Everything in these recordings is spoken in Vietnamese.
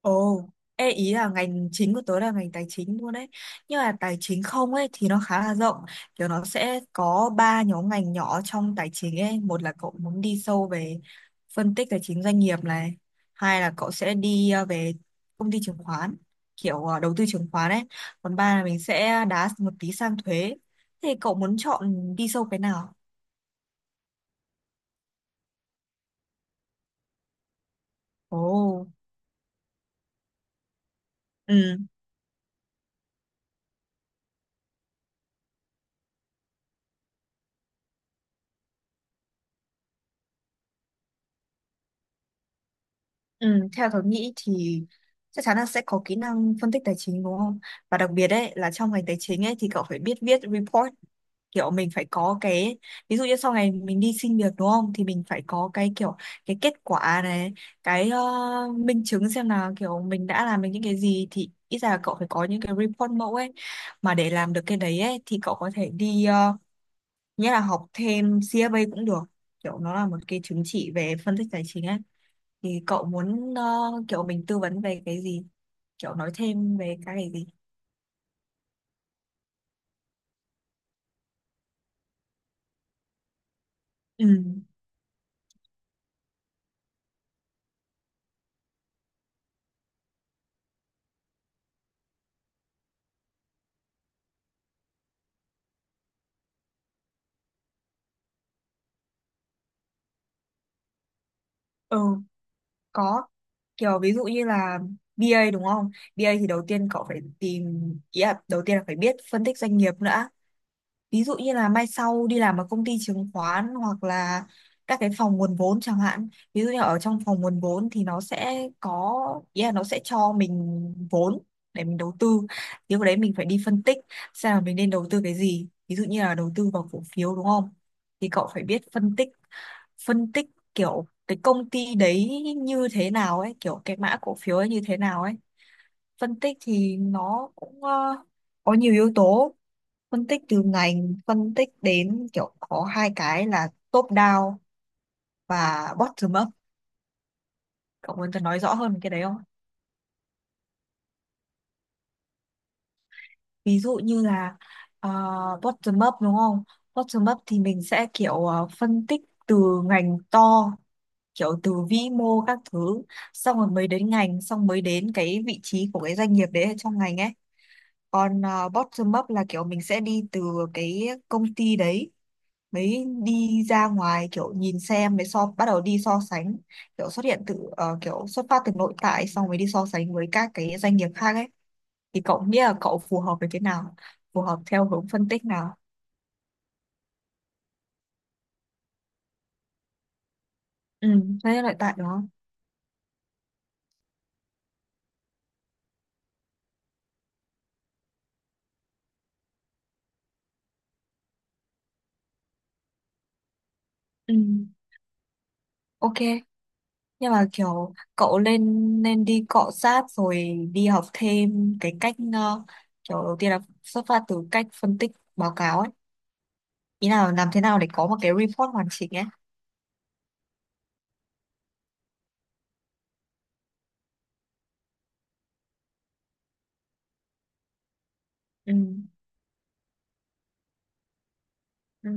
Ồ, ê ý là ngành chính của tớ là ngành tài chính luôn đấy. Nhưng mà tài chính không ấy thì nó khá là rộng. Kiểu nó sẽ có ba nhóm ngành nhỏ trong tài chính ấy. Một là cậu muốn đi sâu về phân tích tài chính doanh nghiệp này. Hai là cậu sẽ đi về công ty chứng khoán, kiểu đầu tư chứng khoán ấy. Còn ba là mình sẽ đá một tí sang thuế. Thì cậu muốn chọn đi sâu cái nào? Ồ, ừ. Ừ, theo tôi nghĩ thì chắc chắn là sẽ có kỹ năng phân tích tài chính đúng không? Và đặc biệt ấy là trong ngành tài chính ấy thì cậu phải biết viết report, kiểu mình phải có cái, ví dụ như sau này mình đi xin việc đúng không thì mình phải có cái kiểu cái kết quả này, cái minh chứng xem là kiểu mình đã làm được những cái gì, thì ít ra là cậu phải có những cái report mẫu ấy. Mà để làm được cái đấy ấy thì cậu có thể đi nghĩa là học thêm CFA cũng được, kiểu nó là một cái chứng chỉ về phân tích tài chính ấy. Thì cậu muốn kiểu mình tư vấn về cái gì? Kiểu nói thêm về cái gì? Ừ, ừ, có. Kiểu ví dụ như là BA đúng không? BA thì đầu tiên cậu phải tìm, ý là đầu tiên là phải biết phân tích doanh nghiệp nữa. Ví dụ như là mai sau đi làm ở công ty chứng khoán hoặc là các cái phòng nguồn vốn chẳng hạn. Ví dụ như ở trong phòng nguồn vốn thì nó sẽ có, ý là nó sẽ cho mình vốn để mình đầu tư, thì lúc đấy mình phải đi phân tích xem là mình nên đầu tư cái gì, ví dụ như là đầu tư vào cổ phiếu đúng không, thì cậu phải biết phân tích kiểu cái công ty đấy như thế nào ấy, kiểu cái mã cổ phiếu ấy như thế nào ấy. Phân tích thì nó cũng có nhiều yếu tố, phân tích từ ngành, phân tích đến, kiểu có hai cái là top down và bottom up. Cậu muốn tôi nói rõ hơn về cái đấy không? Ví dụ như là ờ, bottom up đúng không, bottom up thì mình sẽ kiểu phân tích từ ngành to, kiểu từ vĩ mô các thứ, xong rồi mới đến ngành, xong mới đến cái vị trí của cái doanh nghiệp đấy ở trong ngành ấy. Còn bottom up là kiểu mình sẽ đi từ cái công ty đấy mới đi ra ngoài, kiểu nhìn xem, mới so, bắt đầu đi so sánh, kiểu xuất hiện từ kiểu xuất phát từ nội tại xong mới đi so sánh với các cái doanh nghiệp khác ấy. Thì cậu nghĩ là cậu phù hợp với cái nào, phù hợp theo hướng phân tích nào? Ừ, thế nội tại đúng không? Ừ, ok. Nhưng mà kiểu cậu nên nên đi cọ sát rồi đi học thêm cái cách kiểu đầu tiên là xuất phát từ cách phân tích báo cáo ấy, ý là làm thế nào để có một cái report hoàn chỉnh ấy. Ừ. Ừ.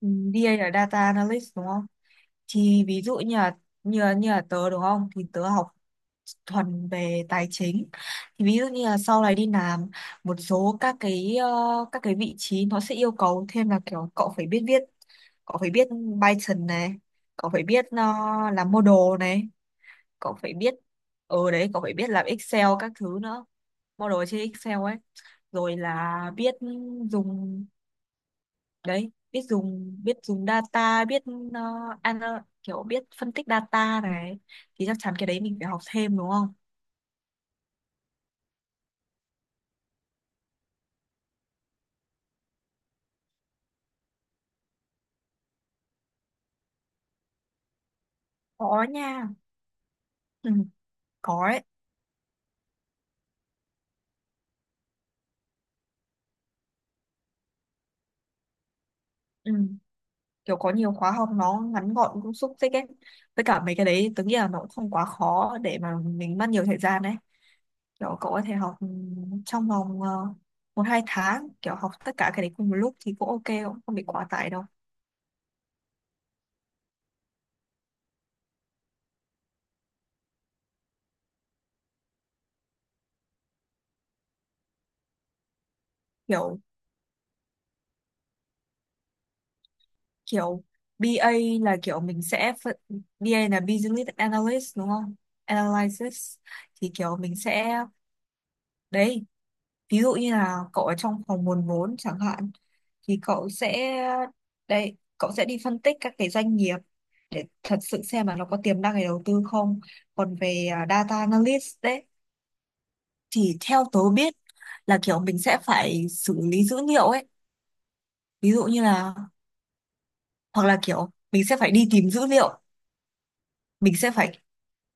Ừ, DA là data analyst đúng không? Thì ví dụ như là như là, như là tớ đúng không? Thì tớ học thuần về tài chính. Thì ví dụ như là sau này đi làm một số các cái các cái vị trí nó sẽ yêu cầu thêm là kiểu cậu phải biết viết, cậu phải biết Python này, cậu phải biết làm model này, cậu phải biết ở đấy, cậu phải biết làm Excel các thứ nữa, model trên Excel ấy, rồi là biết dùng, đấy, biết dùng, biết dùng data, biết ờ, kiểu biết phân tích data này, thì chắc chắn cái đấy mình phải học thêm đúng không. Có nha. Ừ, có ấy. Ừ. Kiểu có nhiều khóa học nó ngắn gọn cũng xúc tích ấy, với cả mấy cái đấy tớ nghĩ là nó cũng không quá khó để mà mình mất nhiều thời gian đấy. Kiểu cậu có thể học ừ, trong vòng một hai tháng kiểu học tất cả cái đấy cùng một lúc thì cũng ok, cũng không bị quá tải đâu. Kiểu kiểu BA là kiểu mình sẽ BA là Business Analyst đúng không? Analysis. Thì kiểu mình sẽ, đấy, ví dụ như là cậu ở trong phòng nguồn vốn chẳng hạn, thì cậu sẽ, đấy, cậu sẽ đi phân tích các cái doanh nghiệp để thật sự xem là nó có tiềm năng để đầu tư không. Còn về à, Data Analyst đấy, thì theo tớ biết là kiểu mình sẽ phải xử lý dữ liệu ấy, ví dụ như là, hoặc là kiểu mình sẽ phải đi tìm dữ liệu, mình sẽ phải,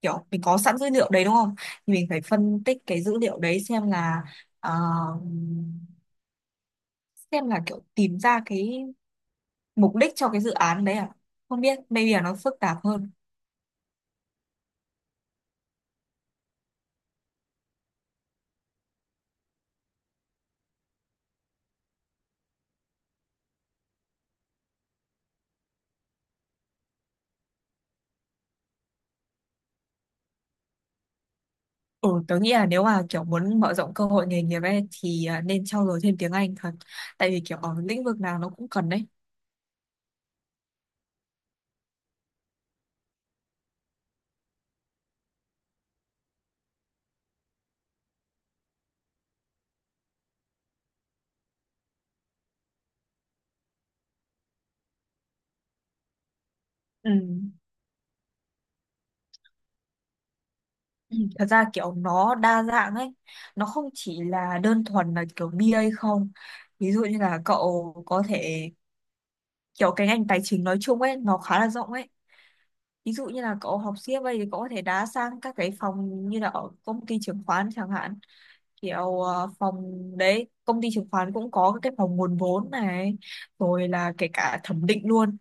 kiểu mình có sẵn dữ liệu đấy đúng không, thì mình phải phân tích cái dữ liệu đấy xem là ờ, xem là kiểu tìm ra cái mục đích cho cái dự án đấy à, không biết maybe là nó phức tạp hơn. Ừ, tớ nghĩ là nếu mà kiểu muốn mở rộng cơ hội nghề nghiệp ấy thì à, nên trau dồi thêm tiếng Anh thật, tại vì kiểu ở lĩnh vực nào nó cũng cần đấy. Ừ. Ừ, thật ra kiểu nó đa dạng ấy, nó không chỉ là đơn thuần là kiểu BA không, ví dụ như là cậu có thể, kiểu cái ngành tài chính nói chung ấy nó khá là rộng ấy, ví dụ như là cậu học CFA thì cậu có thể đá sang các cái phòng như là ở công ty chứng khoán chẳng hạn, kiểu phòng, đấy, công ty chứng khoán cũng có cái phòng nguồn vốn này, rồi là kể cả thẩm định luôn,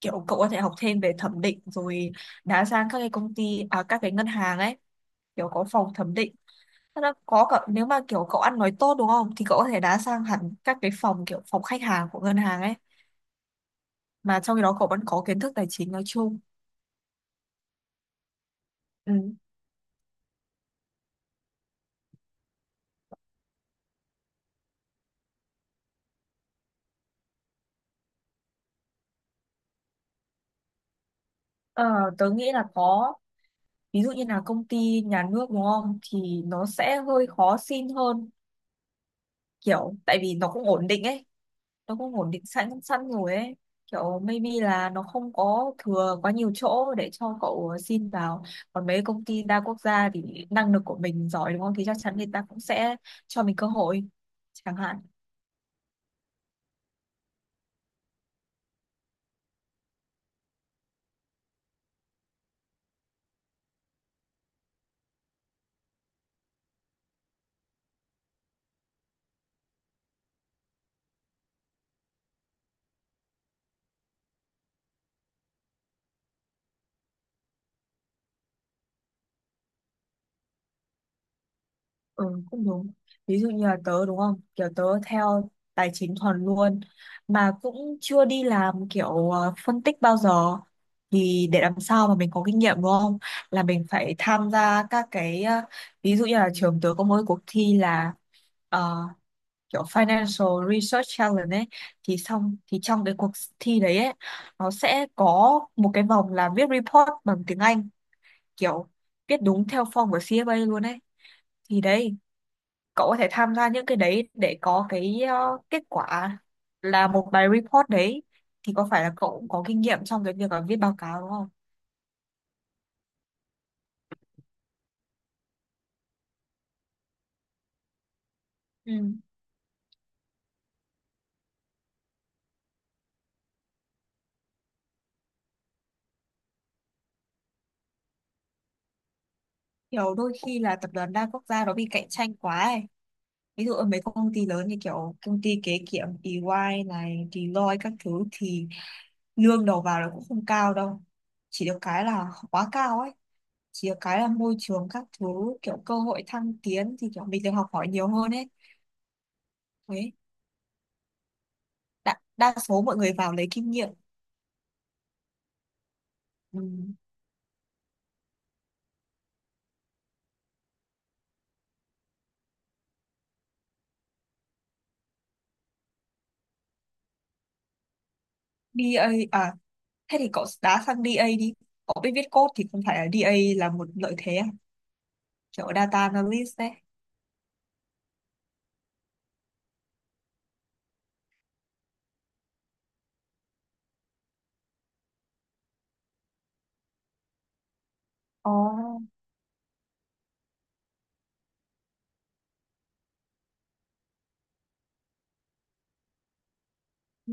kiểu cậu có thể học thêm về thẩm định rồi đá sang các cái công ty à các cái ngân hàng ấy, kiểu có phòng thẩm định. Thế là có cả, nếu mà kiểu cậu ăn nói tốt đúng không thì cậu có thể đá sang hẳn các cái phòng kiểu phòng khách hàng của ngân hàng ấy, mà trong khi đó cậu vẫn có kiến thức tài chính nói chung. Ừ. Ờ, tớ nghĩ là có. Ví dụ như là công ty nhà nước đúng không thì nó sẽ hơi khó xin hơn, kiểu tại vì nó cũng ổn định ấy, nó cũng ổn định sẵn sẵn rồi ấy, kiểu maybe là nó không có thừa quá nhiều chỗ để cho cậu xin vào. Còn mấy công ty đa quốc gia thì năng lực của mình giỏi đúng không thì chắc chắn người ta cũng sẽ cho mình cơ hội chẳng hạn. Ừ, cũng đúng. Ví dụ như là tớ đúng không? Kiểu tớ theo tài chính thuần luôn mà cũng chưa đi làm kiểu phân tích bao giờ, thì để làm sao mà mình có kinh nghiệm đúng không? Là mình phải tham gia các cái ví dụ như là trường tớ có mỗi cuộc thi là ờ, kiểu Financial Research Challenge ấy, thì xong thì trong cái cuộc thi đấy ấy nó sẽ có một cái vòng là viết report bằng tiếng Anh, kiểu viết đúng theo form của CFA luôn ấy. Thì đấy, cậu có thể tham gia những cái đấy để có cái kết quả là một bài report đấy, thì có phải là cậu cũng có kinh nghiệm trong cái việc là viết báo cáo đúng không? Ừ. Kiểu đôi khi là tập đoàn đa quốc gia nó bị cạnh tranh quá ấy. Ví dụ ở mấy công ty lớn như kiểu công ty kế kiểm EY này, Deloitte các thứ thì lương đầu vào nó cũng không cao đâu. Chỉ được cái là quá cao ấy. Chỉ được cái là môi trường các thứ, kiểu cơ hội thăng tiến thì kiểu mình được học hỏi nhiều hơn ấy. Đấy. Đa số mọi người vào lấy kinh nghiệm. Ừ. Đê a à, thế thì cậu đá sang DA đi, cậu biết viết code thì không phải là DA là một lợi thế à? Kiểu data analyst đấy. Ồ. Ừ.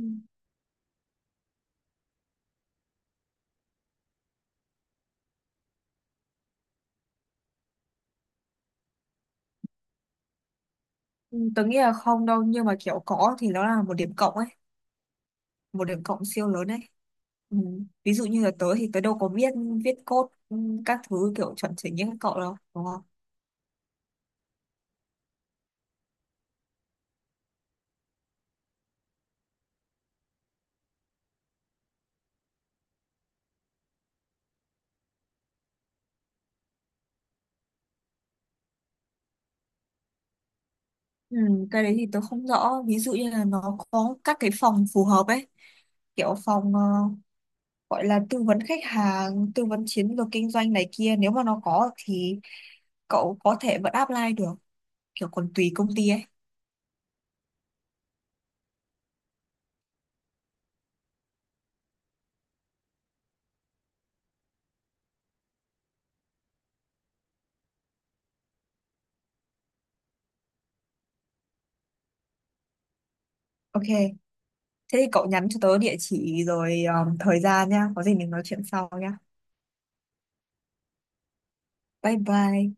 Ừ, tớ nghĩ là không đâu nhưng mà kiểu có thì nó là một điểm cộng ấy, một điểm cộng siêu lớn ấy. Ừ. Ví dụ như là tớ thì tớ đâu có biết viết code ừ, các thứ kiểu chuẩn chỉnh như các cậu đâu đúng không. Ừ, cái đấy thì tớ không rõ, ví dụ như là nó có các cái phòng phù hợp ấy, kiểu phòng gọi là tư vấn khách hàng, tư vấn chiến lược kinh doanh này kia, nếu mà nó có thì cậu có thể vẫn apply được, kiểu còn tùy công ty ấy. Ok, thế thì cậu nhắn cho tớ địa chỉ rồi thời gian nhá, có gì mình nói chuyện sau nhá. Bye bye.